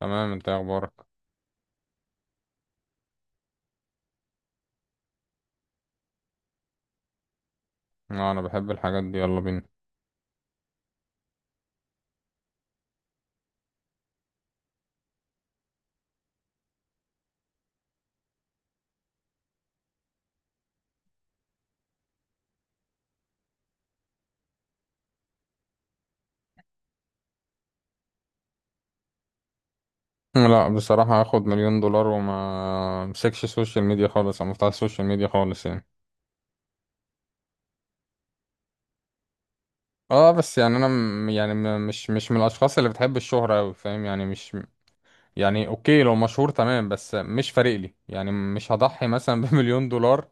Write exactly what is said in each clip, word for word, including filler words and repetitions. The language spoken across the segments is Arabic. تمام، انت ايه اخبارك؟ لا، انا بحب الحاجات دي. يلا بينا. لا بصراحة، هاخد مليون دولار وما امسكش السوشيال ميديا خالص، او مفتاح السوشيال ميديا خالص يعني. اه بس يعني انا م- يعني م- مش مش من الاشخاص اللي بتحب الشهرة اوي، فاهم يعني مش يعني، اوكي لو مشهور تمام بس مش فارق لي، يعني مش هضحي مثلا بمليون دولار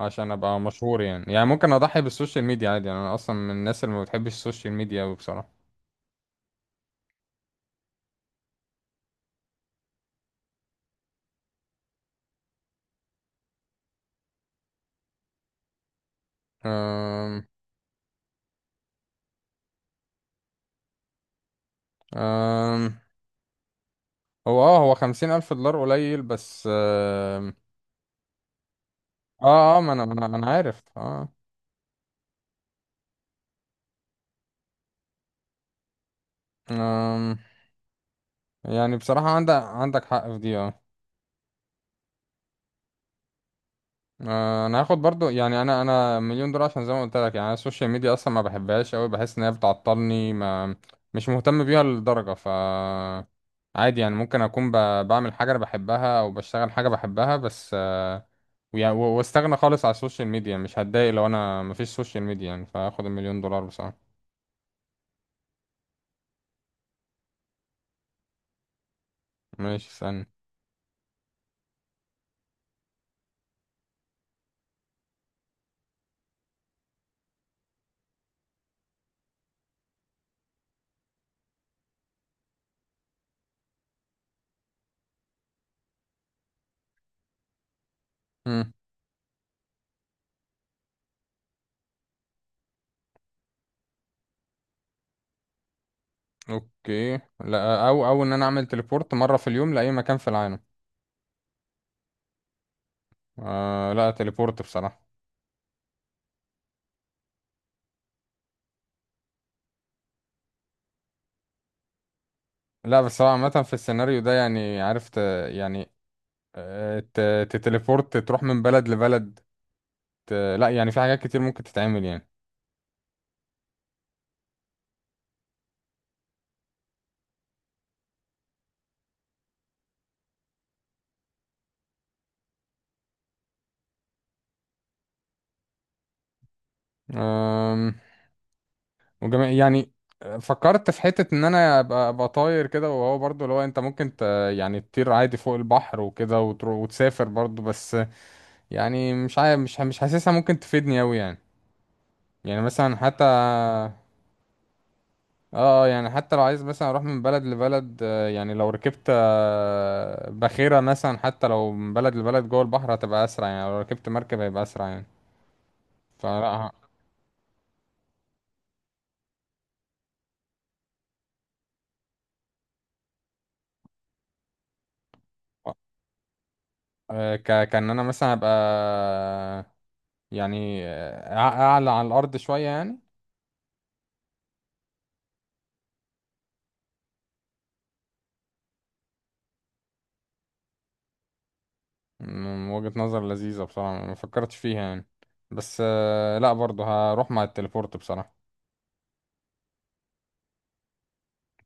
عشان ابقى مشهور، يعني يعني ممكن اضحي بالسوشيال ميديا عادي، يعني انا اصلا من الناس اللي ما بتحبش السوشيال ميديا اوي بصراحة. أم... أم... هو اه هو خمسين ألف دولار قليل بس آه اه, آه ما أنا ما أنا ما أنا عارف اه آم، يعني بصراحة، عندك عندك حق في دي اه آه، أنا هاخد برضو، يعني أنا أنا مليون دولار، عشان زي ما قلت لك يعني، أنا السوشيال ميديا أصلا ما بحبهاش أوي، بحس إن هي بتعطلني، ما مش مهتم بيها للدرجة ف عادي يعني، ممكن أكون ب... بعمل حاجة أنا بحبها أو بشتغل حاجة بحبها بس آه ويعني و- واستغنى خالص على السوشيال ميديا، مش هتضايق لو أنا مفيش سوشيال ميديا يعني، فهاخد المليون دولار بصراحة. ماشي، استنى. اوكي، لا او او ان انا اعمل تليبورت مره في اليوم لاي مكان في العالم. آه لا، تليبورت بصراحه. لا بس هو عامه، في السيناريو ده يعني، عرفت يعني، آه، ت- تتليبورت تروح من بلد لبلد، ت- لا يعني في حاجات كتير ممكن تتعمل يعني. آم، وجميع يعني، فكرت في حته ان انا ابقى ابقى طاير كده، وهو برضو اللي هو انت ممكن ت يعني تطير عادي فوق البحر وكده وتروح وتسافر برضو، بس يعني مش عارف، مش مش حاسسها ممكن تفيدني اوي يعني. يعني مثلا حتى، اه يعني حتى لو عايز مثلا اروح من بلد لبلد، آه، يعني لو ركبت آه، باخرة مثلا، حتى لو من بلد لبلد جوه البحر هتبقى اسرع، يعني لو ركبت مركب هيبقى اسرع يعني. فلا ه- آه، ك كان انا مثلا هبقى آه، يعني آه، أع- اعلى على الارض شوية يعني. من وجهة نظر لذيذة بصراحة، ما فكرتش فيها يعني، بس آه، لا برضه هروح مع التليبورت بصراحة.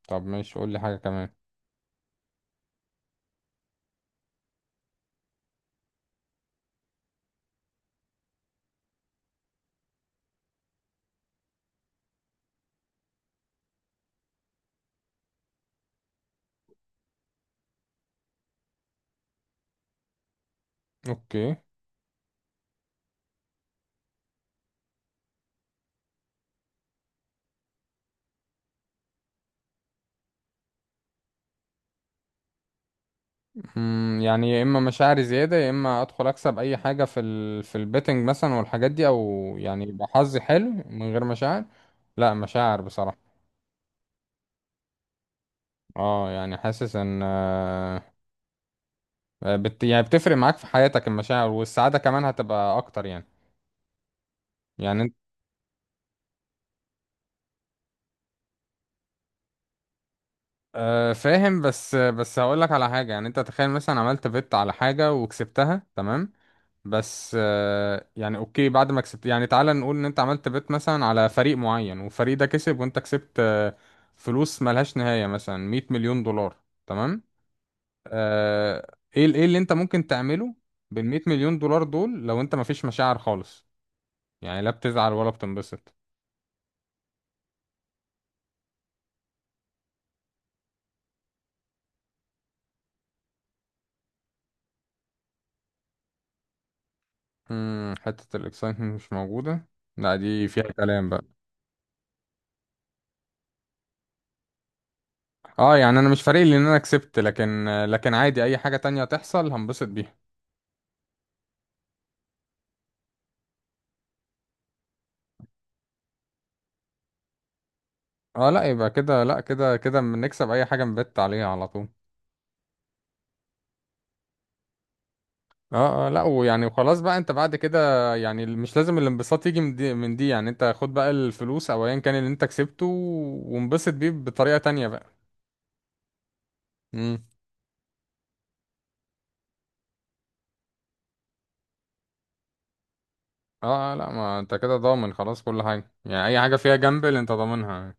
طب ماشي، قول لي حاجة كمان. اوكي. مم، يعني يا اما مشاعري زياده، يا اما ادخل اكسب اي حاجه في ال... في البيتنج مثلا والحاجات دي، او يعني يبقى حظي حلو من غير مشاعر. لا مشاعر بصراحه. اه يعني حاسس ان آه، بت... يعني بتفرق معاك في حياتك المشاعر، والسعاده كمان هتبقى اكتر يعني. يعني انت. آه، فاهم، بس بس هقول لك على حاجه، يعني انت تخيل مثلا عملت بت على حاجه وكسبتها تمام، بس آه، يعني اوكي، بعد ما كسبت يعني، تعالى نقول ان انت عملت بيت مثلا على فريق معين، والفريق ده كسب وانت كسبت آه، فلوس ملهاش نهاية، مثلا مية مليون دولار. تمام. آه، ايه ال- ايه اللي انت ممكن تعمله بال مائة مليون دولار دول، لو انت مفيش مشاعر خالص، يعني لا بتزعل ولا بتنبسط. امم حتة الاكسايتمنت مش موجودة، لا دي فيها كلام بقى. اه يعني، انا مش فارق لي ان انا كسبت، لكن آه، لكن عادي اي حاجة تانية تحصل هنبسط بيها. اه لا، يبقى كده، لا كده كده بنكسب اي حاجه نبت عليها على طول. اه اه لا، ويعني وخلاص بقى، انت بعد كده يعني مش لازم الانبساط يجي من دي من دي، يعني انت خد بقى الفلوس او ايا كان اللي انت كسبته، وانبسط بيه بطريقه تانية بقى. امم اه آه، لا، ما انت كده ضامن خلاص كل حاجه، يعني اي حاجه فيها جامبل انت ضامنها.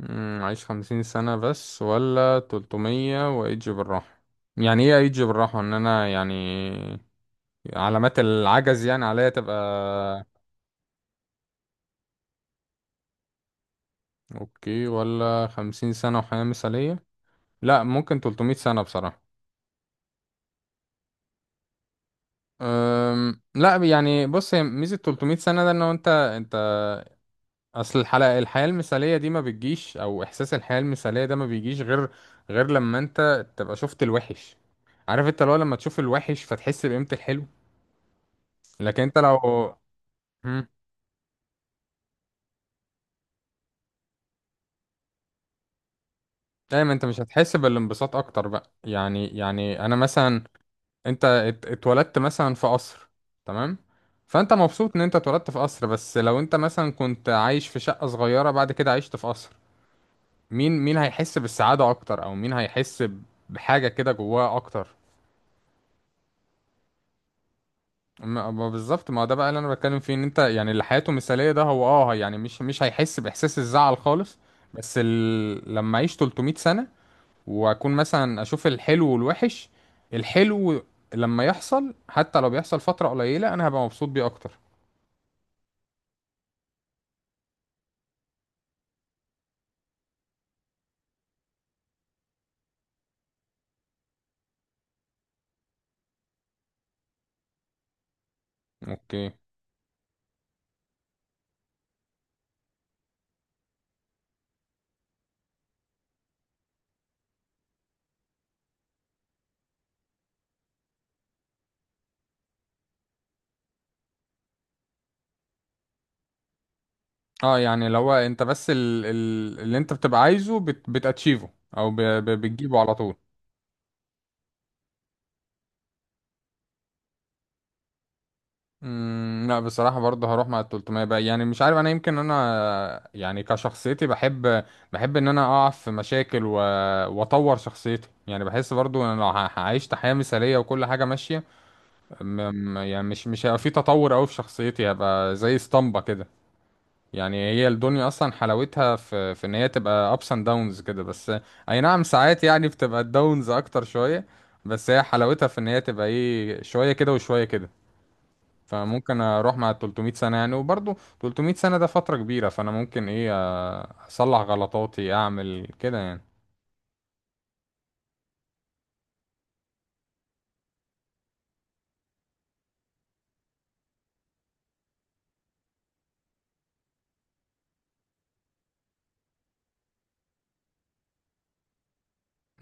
امم عايش خمسين سنه بس، ولا تلتمية وايجي بالراحه؟ يعني ايه ايجي بالراحه، ان انا يعني علامات العجز يعني عليا تبقى؟ اوكي، ولا خمسين سنة وحياة مثالية؟ لا، ممكن تلتمية سنة بصراحة. أم لا يعني، بص هي ميزة تلتمية سنة ده، ان هو انت انت اصل الحلقة، الحياة المثالية دي ما بتجيش، او احساس الحياة المثالية ده ما بيجيش غير غير لما انت تبقى شفت الوحش. عارف، انت لو لما تشوف الوحش فتحس بقيمة الحلو، لكن انت لو مم. دايما انت مش هتحس بالانبساط اكتر بقى، يعني يعني انا مثلا، انت ات- اتولدت مثلا في قصر، تمام، فانت مبسوط ان انت اتولدت في قصر، بس لو انت مثلا كنت عايش في شقة صغيرة بعد كده عشت في قصر، مين مين هيحس بالسعادة اكتر، او مين هيحس بحاجة كده جواه اكتر؟ ما ما بالظبط، ما ده بقى اللي انا بتكلم فيه، ان انت يعني اللي حياته مثالية ده هو، اه يعني مش مش هيحس باحساس الزعل خالص، بس ال... لما اعيش تلتمية سنة واكون مثلا اشوف الحلو والوحش، الحلو لما يحصل، حتى لو بيحصل فترة قليلة، انا هبقى مبسوط بيه اكتر. اوكي. اه يعني لو هو انت بس ال... ال... اللي انت بتبقى عايزه بت... بتاتشيفه، او ب... ب... بتجيبه على طول. امم لا بصراحة، برضه هروح مع ال تلتمية بقى يعني، مش عارف انا، يمكن انا يعني كشخصيتي، بحب بحب ان انا اقع في مشاكل و... واطور شخصيتي، يعني بحس برضه ان انا لو ه- عيشت حياة مثالية وكل حاجة ماشية، م... م- يعني مش مش هيبقى في تطور قوي في شخصيتي، هبقى زي اسطمبة كده. يعني هي الدنيا اصلا حلاوتها في في ان هي تبقى ups and downs كده، بس اي نعم ساعات يعني بتبقى الداونز اكتر شوية، بس هي حلاوتها في ان هي تبقى ايه شوية كده وشوية كده. فممكن اروح مع تلتمية سنة يعني، وبرضه تلتمية سنة ده فترة كبيرة، فانا ممكن ايه اصلح غلطاتي اعمل كده يعني.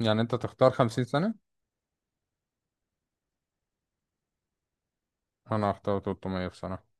يعني انت تختار خمسين سنة؟ انا اختار تلتمية بصراحة.